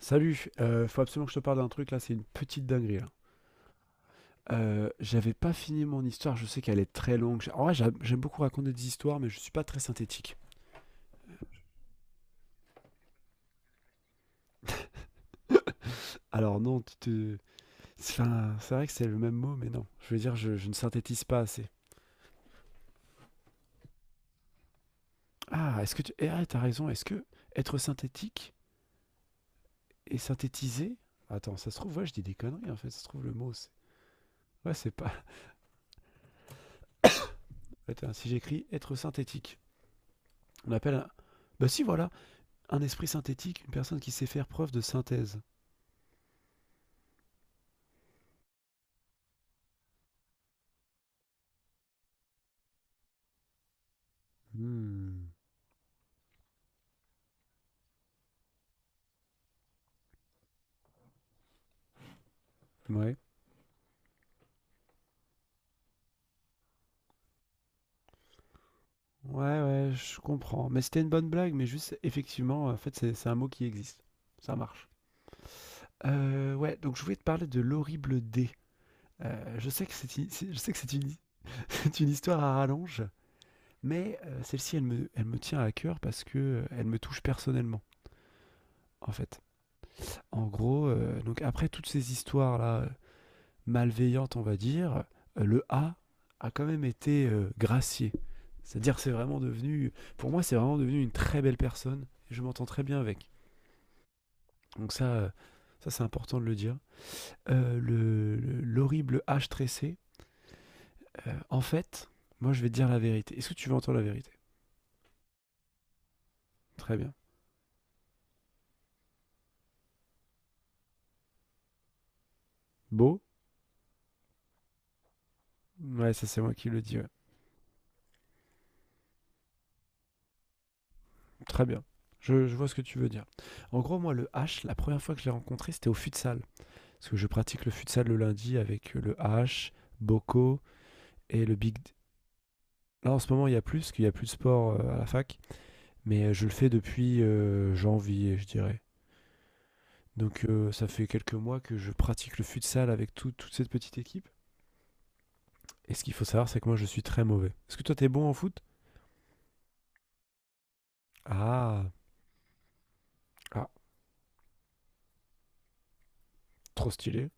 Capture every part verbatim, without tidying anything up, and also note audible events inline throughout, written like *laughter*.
Salut, euh, faut absolument que je te parle d'un truc là, c'est une petite dinguerie là. Euh, j'avais pas fini mon histoire, je sais qu'elle est très longue. J'ai- En vrai, j'a- j'aime beaucoup raconter des histoires, mais je suis pas très synthétique. Alors non, tu te... enfin, c'est vrai que c'est le même mot, mais non. Je veux dire, je, je ne synthétise pas assez. Ah, est-ce que tu... Eh, ah, t'as raison, est-ce que être synthétique et synthétiser. Attends, ça se trouve, ouais, je dis des conneries en fait, ça se trouve le mot, c'est. Ouais, c'est pas. *laughs* Attends, si j'écris être synthétique, on appelle un. Bah si, voilà, un esprit synthétique, une personne qui sait faire preuve de synthèse. Mmh. Ouais. Ouais, ouais, je comprends. Mais c'était une bonne blague, mais juste, effectivement, en fait, c'est c'est un mot qui existe. Ça marche. Euh, ouais, donc je voulais te parler de l'horrible dé. Euh, je sais que c'est une, c'est- je sais que c'est une, *laughs* c'est une histoire à rallonge, mais euh, celle-ci, elle me, elle me tient à cœur parce que euh, elle me touche personnellement, en fait. En gros, euh, donc après toutes ces histoires-là, euh, malveillante, on va dire, euh, le A a quand même été euh, gracié. C'est-à-dire, c'est vraiment devenu, pour moi, c'est vraiment devenu une très belle personne. Et je m'entends très bien avec. Donc ça, euh, ça c'est important de le dire. Euh, le- le- L'horrible H tressé, euh, en fait, moi, je vais te dire la vérité. Est-ce que tu veux entendre la vérité? Très bien. Beau Ouais, ça, c'est moi qui le dis, ouais. Très bien. Je, je vois ce que tu veux dire. En gros, moi, le H, la première fois que je l'ai rencontré, c'était au futsal. Parce que je pratique le futsal le lundi avec euh, le H, Boko et le Big D. Là, en ce moment, il n'y a plus, parce qu'il n'y a plus de sport euh, à la fac. Mais euh, je le fais depuis euh, janvier, je dirais. Donc, euh, ça fait quelques mois que je pratique le futsal avec tout- toute cette petite équipe. Et ce qu'il faut savoir, c'est que moi, je suis très mauvais. Est-ce que toi, t'es bon en foot? Ah, ah, trop stylé.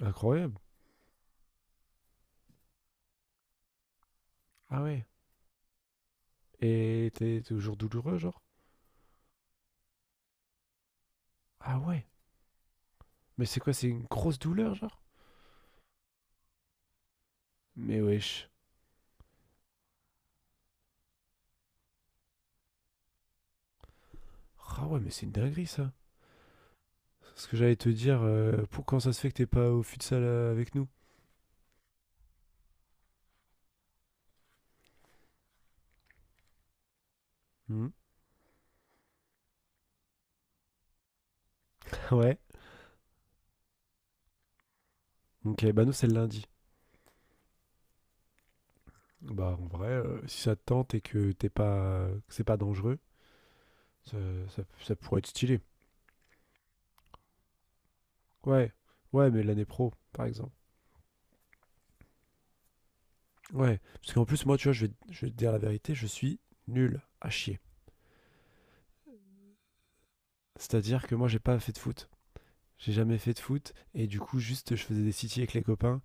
Incroyable. Ah ouais. Et t'es toujours douloureux, genre? Ah ouais. Mais c'est quoi, c'est une grosse douleur, genre? Mais wesh. Ah ouais, mais c'est une dinguerie, ça. Ce que j'allais te dire, euh, pour, quand ça se fait que t'es pas au futsal euh, avec nous? Mhm. *laughs* Ouais. Ok, bah nous c'est le lundi. Bah en vrai, euh, si ça te tente et que t'es pas, que c'est pas dangereux, ça, ça- ça pourrait être stylé. Ouais, ouais, mais l'année pro, par exemple. Ouais, parce qu'en plus moi, tu vois, je vais, je vais te dire la vérité, je suis nul à chier. C'est-à-dire que moi, j'ai pas fait de foot. J'ai jamais fait de foot et du coup, juste, je faisais des city avec les copains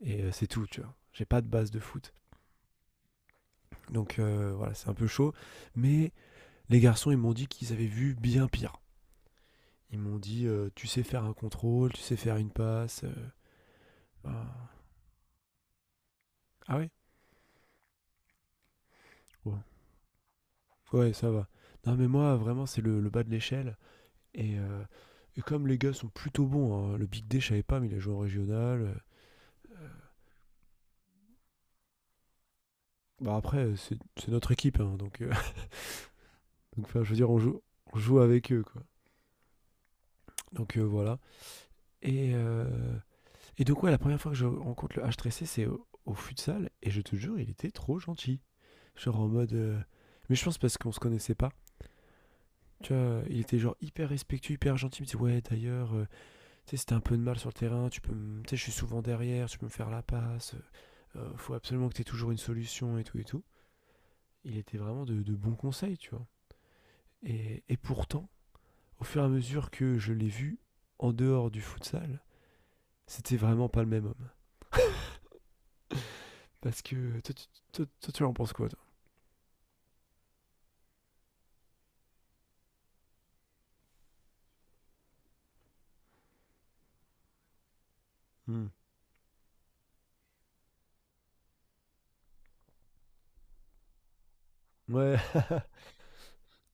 et euh, c'est tout, tu vois. J'ai pas de base de foot. Donc euh, voilà, c'est un peu chaud. Mais les garçons, ils m'ont dit qu'ils avaient vu bien pire. Ils m'ont dit, euh, tu sais faire un contrôle, tu sais faire une passe. euh, ben, Ah ouais, ouais. Ouais, ça va. Non, mais moi, vraiment, c'est le, le bas de l'échelle. Et, euh, et comme les gars sont plutôt bons, hein, le Big D, je savais pas, mais il a joué en régional. Euh. Bah après, euh, c'est c'est notre équipe, hein, donc, euh, *laughs* donc enfin, je veux dire, on joue, on joue avec eux, quoi. Donc euh, voilà. Et, euh, et donc ouais, la première fois que je rencontre le H trois C, c'est au, au futsal, et je te jure, il était trop gentil. Genre en mode. euh, Mais je pense parce qu'on se connaissait pas. Tu vois, il était genre hyper respectueux, hyper gentil. Il me dit: Ouais, d'ailleurs, euh, tu sais, si t'as un peu de mal sur le terrain, tu peux me- Tu sais, je suis souvent derrière, tu peux me faire la passe. Euh, euh, faut absolument que t'aies toujours une solution et tout et tout. Il était vraiment de, de bons conseils, tu vois. Et, et pourtant, au fur et à mesure que je l'ai vu en dehors du futsal, c'était vraiment pas le même homme. Parce que. Toi, tu- toi- toi, tu en penses quoi, toi? Hmm. Ouais, *laughs*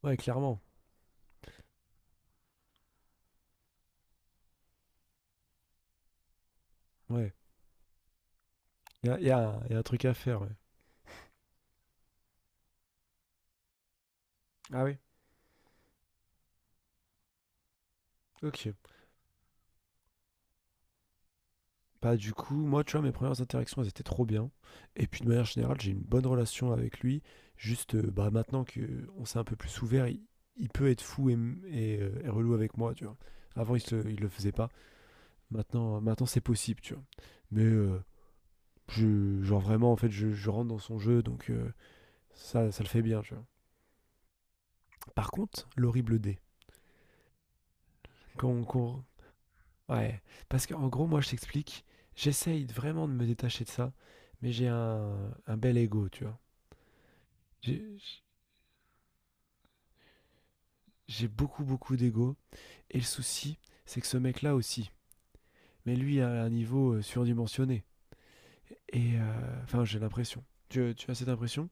ouais, clairement. Ouais. Il y a, y a un y a un truc à faire, ouais. Ah oui. Ok. Bah, du coup, moi, tu vois, mes premières interactions, elles étaient trop bien. Et puis, de manière générale, j'ai une bonne relation avec lui. Juste, euh, bah, maintenant qu'on s'est un peu plus ouvert, il, il peut être fou et, m- et, euh, et relou avec moi, tu vois. Avant, il, se- il le faisait pas. Maintenant, maintenant c'est possible, tu vois. Mais, euh, je, genre, vraiment, en fait, je, je rentre dans son jeu, donc euh, ça, ça le fait bien, tu vois. Par contre, l'horrible dé. Quand, quand, Ouais. Parce qu'en gros, moi, je t'explique, j'essaye vraiment de me détacher de ça, mais j'ai un, un bel ego, tu vois. J'ai j'ai beaucoup, beaucoup d'ego. Et le souci, c'est que ce mec-là aussi. Mais lui, à un niveau euh, surdimensionné. Et, euh, enfin, j'ai l'impression. Tu, tu as cette impression?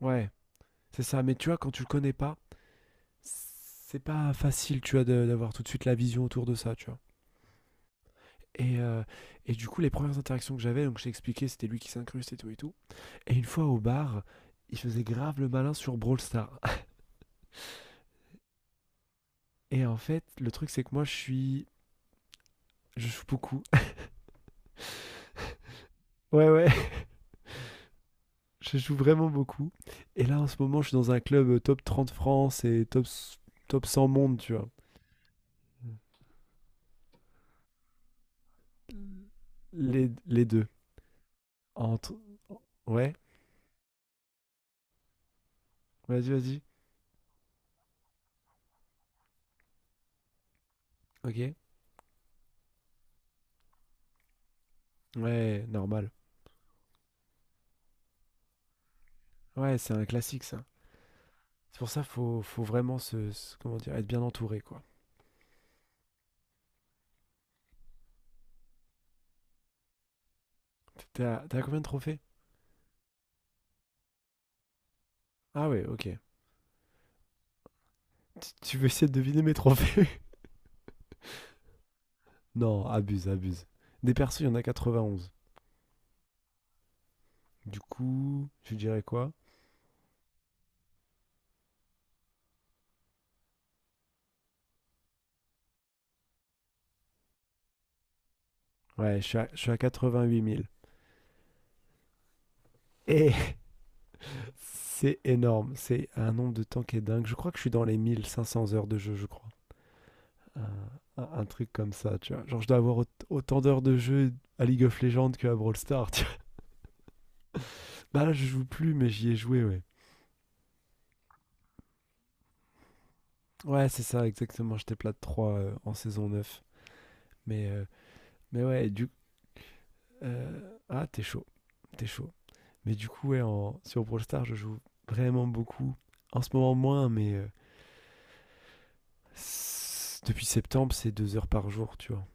Ouais, c'est ça. Mais tu vois, quand tu le connais pas, c'est pas facile, tu vois, de- d'avoir tout de suite la vision autour de ça, tu vois. Et, euh, et du coup, les premières interactions que j'avais, donc je t'ai expliqué, c'était lui qui s'incruste et tout et tout. Et une fois au bar, il faisait grave le malin sur Brawl Stars. *laughs* Et en fait, le truc, c'est que moi, je suis. Je joue beaucoup. *laughs* Ouais, ouais. Je joue vraiment beaucoup. Et là, en ce moment, je suis dans un club euh, top trente France et top, s- top cent monde, tu vois. Les, les deux. Entre. Ouais, vas-y, vas-y. Ok. Ouais, normal. Ouais, c'est un classique, ça. C'est pour ça faut, faut vraiment se, se- comment dire, être bien entouré, quoi. T'as t'as combien de trophées? Ah ouais, ok. Tu, tu veux essayer de deviner mes trophées? *laughs* Non, abuse, abuse. Des persos, il y en a quatre vingt onze. Du coup, je dirais quoi? Ouais, je suis à, je suis à quatre-vingt-huit mille. Eh. C'est énorme. C'est un nombre de temps qui est dingue. Je crois que je suis dans les mille cinq cents heures de jeu, je crois. Euh, un, un truc comme ça, tu vois. Genre, je dois avoir aut- autant d'heures de jeu à League of Legends que à Brawl Stars, tu vois. Bah là, je joue plus, mais j'y ai joué, ouais. Ouais, c'est ça, exactement. J'étais plate trois euh, en saison neuf. Mais, euh, mais ouais, du euh, ah, t'es chaud, t'es chaud. Mais du coup, ouais, en- sur Brawl Stars, je joue vraiment beaucoup. En ce moment, moins, mais euh, s- depuis septembre, c'est deux heures par jour, tu vois.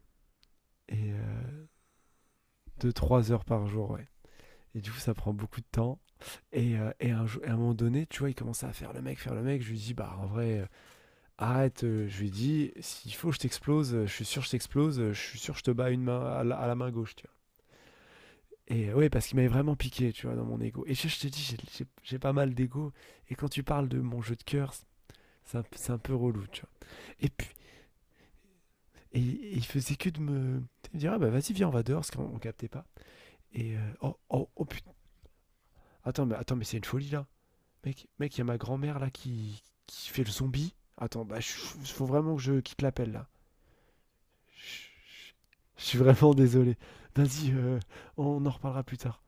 Et euh, deux trois heures par jour, ouais. Et du coup, ça prend beaucoup de temps. Et, euh, et un, jo- et à un moment donné, tu vois, il commençait à faire le mec, faire le mec. Je lui dis, bah en vrai, euh, arrête. Euh, je lui dis, s'il faut, je t'explose. euh, Je suis sûr, je t'explose. euh, Je suis sûr, je te bats une main à la, à la main gauche, tu vois. Et ouais, parce qu'il m'avait vraiment piqué, tu vois, dans mon ego. Et je, je te dis, j'ai- j'ai- j'ai pas mal d'ego. Et quand tu parles de mon jeu de cœur, c'est un, c'est un peu relou, tu vois. Et puis, et, et il faisait que de me, de me dire, ah bah vas-y, viens, on va dehors, parce qu'on on captait pas. Et euh, oh, oh, oh putain! Attends, mais, attends, mais c'est une folie là. Mec, mec, y a ma grand-mère là qui, qui fait le zombie. Attends, bah, je- faut vraiment que je quitte l'appel là. Je je- je suis vraiment désolé. Vas-y, euh, on en reparlera plus tard.